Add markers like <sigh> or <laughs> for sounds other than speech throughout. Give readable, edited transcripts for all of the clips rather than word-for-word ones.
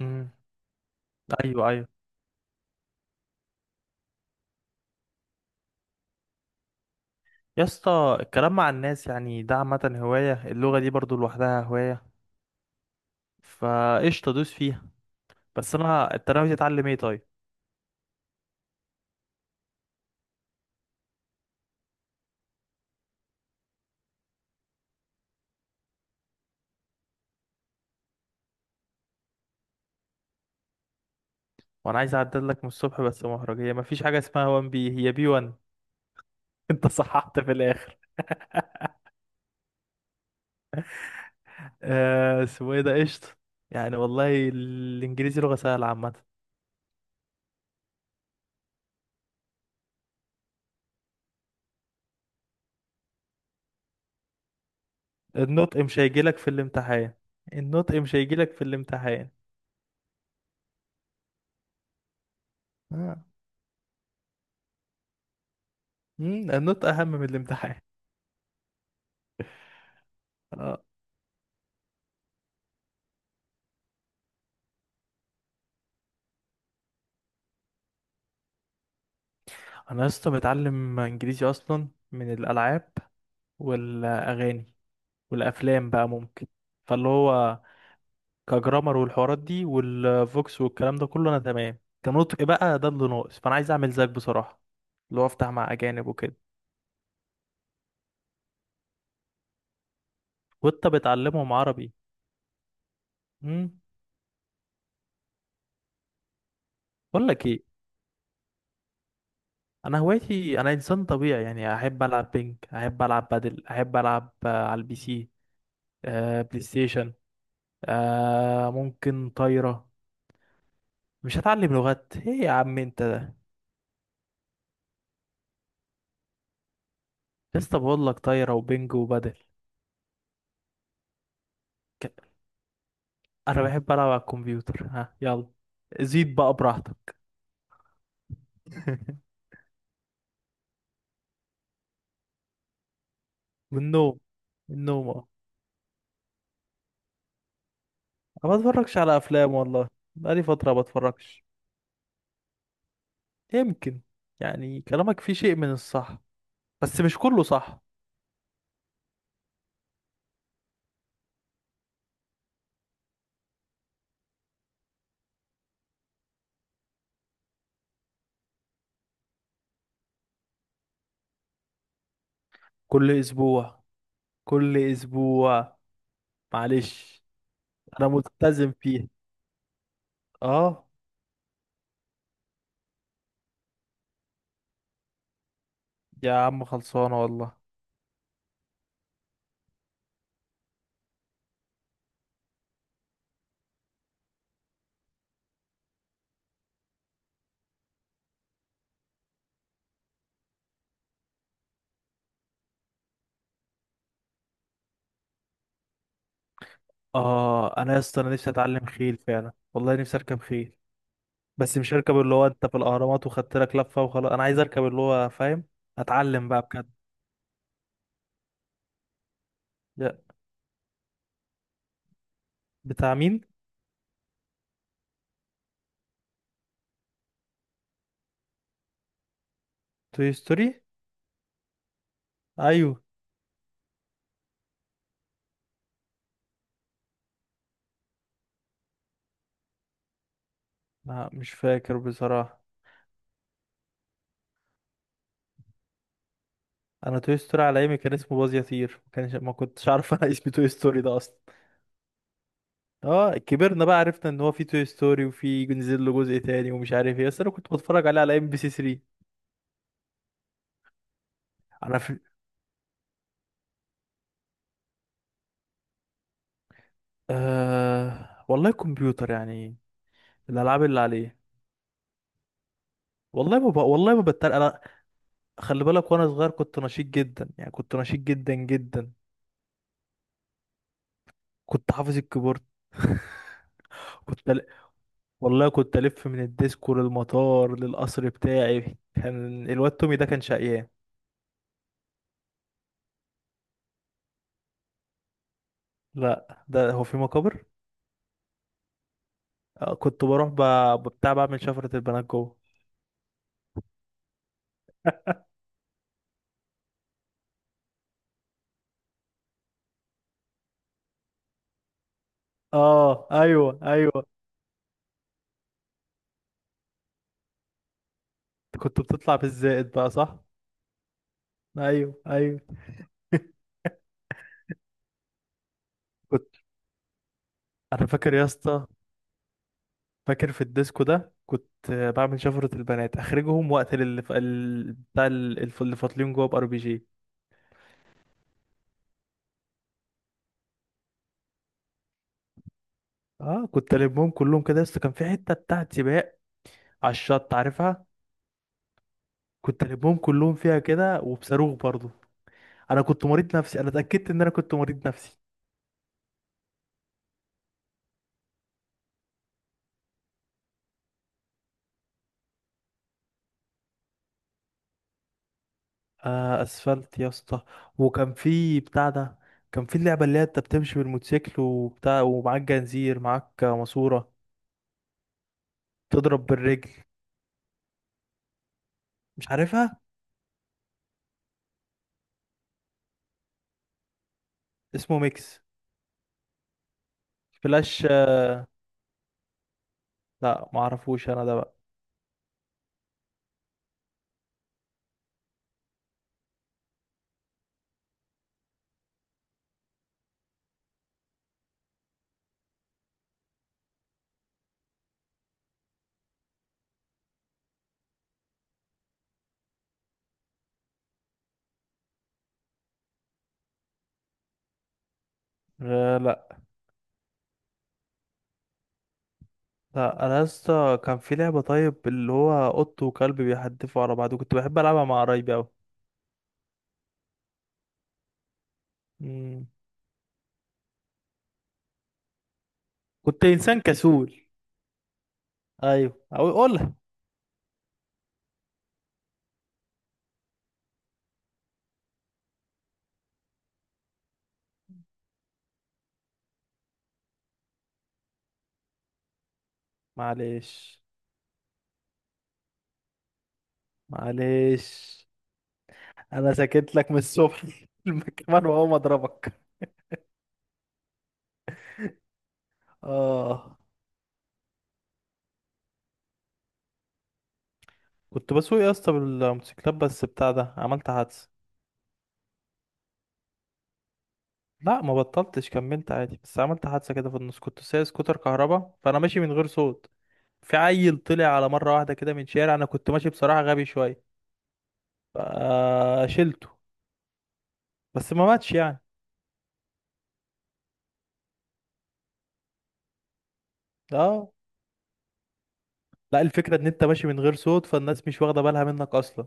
امم ايوه، ايوه يا اسطى. الكلام مع الناس يعني ده عامه هوايه، اللغه دي برضو لوحدها هوايه، فقشطه دوس فيها. بس انت ناوي تتعلم ايه طيب؟ وانا عايز اعدل لك من الصبح، بس مهرجيه مفيش حاجه اسمها 1 بي، هي بي 1. <laughs> انت صححت في الاخر. اسمه ايه ده، قشطه. يعني والله الانجليزي لغه سهله عامه. النطق مش هيجيلك في الامتحان. النطق مش هيجيلك في الامتحان. آه. النطق اهم من الامتحان. آه. انا لسه متعلم انجليزي اصلا من الالعاب والاغاني والافلام، بقى ممكن فاللي هو كجرامر، والحوارات دي والفوكس والكلام ده كله انا تمام. كنطق بقى ده اللي ناقص، فانا عايز اعمل زيك بصراحه، اللي هو افتح مع اجانب وكده. وانت بتعلمهم عربي. امم. بقول لك ايه، انا هوايتي انا انسان طبيعي يعني. احب العب بينج، احب العب بادل، احب العب على البي سي. آه، بلاي ستيشن. آه، ممكن طايره. مش هتعلم لغات ايه يا عم انت ده؟ لسه بقول لك طايره وبينج وبادل. انا بحب العب على الكمبيوتر، ها يلا، زيد بقى براحتك. <laughs> والنوم. النوم، اه. أنا ما بتفرجش على افلام والله، بقالي فتره ما بتفرجش. يمكن، يعني كلامك فيه شيء من الصح، بس مش كله صح. كل اسبوع، كل اسبوع. معلش. انا ملتزم فيه، اه. يا عم خلصانه والله. اه، انا يا اسطى انا نفسي اتعلم خيل فعلا والله، نفسي اركب خيل. بس مش هركب اللي هو انت في الاهرامات وخدت لك لفه وخلاص، انا عايز اركب اللي هو فاهم، اتعلم بقى بجد. يا- بتاع مين؟ توي ستوري. ايوه. ما مش فاكر بصراحه. انا توي ستوري على ايامي كان اسمه باز يطير، ما كنتش عارف. <laughs> انا اسمي توي ستوري ده اصلا. اه كبرنا بقى، عرفنا ان هو في توي ستوري وفي نزل له جزء تاني ومش عارف ايه، بس انا كنت بتفرج عليه على ام بي سي 3. انا في والله كمبيوتر يعني، الالعاب اللي عليه. والله ما بتريق انا. خلي بالك وانا صغير كنت نشيط جدا، يعني كنت نشيط جدا جدا. كنت حافظ الكيبورد. <laughs> كنت ل... والله كنت الف من الديسكو للمطار للقصر بتاعي، كان الواد تومي ده كان شقيان. لا، ده هو في مقابر. آه، كنت بروح ب... بتاع، بعمل شفرة البنات جوه. اه، ايوه، ايوه كنت بتطلع بالزائد بقى صح؟ ايوه، ايوه. كنت انا فاكر يا اسطى، فاكر في الديسكو ده كنت بعمل شفرة البنات اخرجهم واقتل اللي ف... ال- بتاع ال- الف- اللي فاطلين جوه بار بي جي. اه، كنت البهم كلهم كده، بس كان في حته بتاعت سباق على الشط عارفها، كنت البهم كلهم فيها كده وبصاروخ برضو. انا كنت مريض نفسي، انا اتاكدت ان انا كنت مريض نفسي. آه، اسفلت يا اسطى. وكان في بتاع ده، كان في اللعبه اللي هي انت بتمشي بالموتوسيكل وبتاع، ومعاك جنزير معاك ماسوره تضرب بالرجل. مش عارفها. اسمه ميكس فلاش، آه. لا، معرفوش انا ده بقى، آه. لا لا، انا يا اسطى كان في لعبه طيب، اللي هو قط وكلب بيحدفوا على بعض، كنت بحب العبها مع قرايبي قوي. كنت انسان كسول. ايوه، او قولها. معلش، معلش. انا سكت لك من الصبح. <laughs> المكان وهو اضربك. اه، كنت بسوق يا اسطى بالموتوسيكلات، بس بتاع ده عملت حادثه. لا، ما بطلتش، كملت عادي، بس عملت حادثه كده في النص. كنت سايق سكوتر كهربا، فانا ماشي من غير صوت، في عيل طلع على مره واحده كده من شارع، انا كنت ماشي بصراحه غبي شويه. شلته بس ما ماتش يعني. اه، لا، الفكرة ان انت ماشي من غير صوت، فالناس مش واخدة بالها منك اصلا.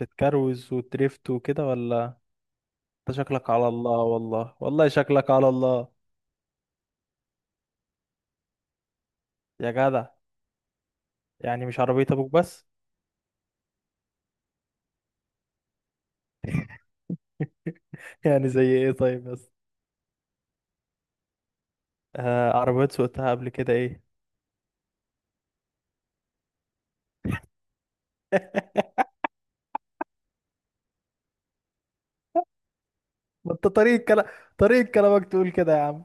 بتكروز وتريفت وكده ولا؟ انت شكلك على الله، والله والله شكلك على الله. يا جدع. يعني مش عربية ابوك بس. <laughs> يعني زي ايه طيب بس؟ آه، عربيات سوقتها قبل كده ايه. <laughs> ما انت طريقة كلام، طريقة كلامك تقول كده يا عم.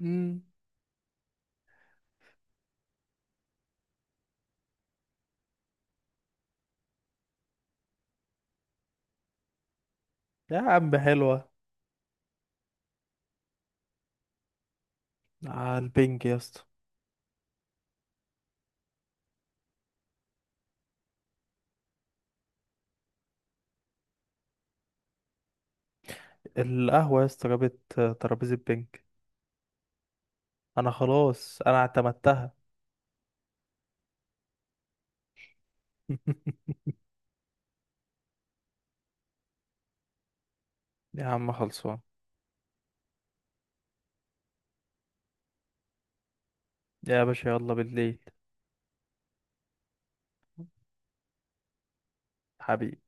مم. يا عم حلوة. على البنج يا اسطى. القهوة يا اسطى جابت ترابيزة بنج، انا خلاص انا اعتمدتها. <laughs> يا عم خلصان. يا باشا، يلا بالليل. حبيبي.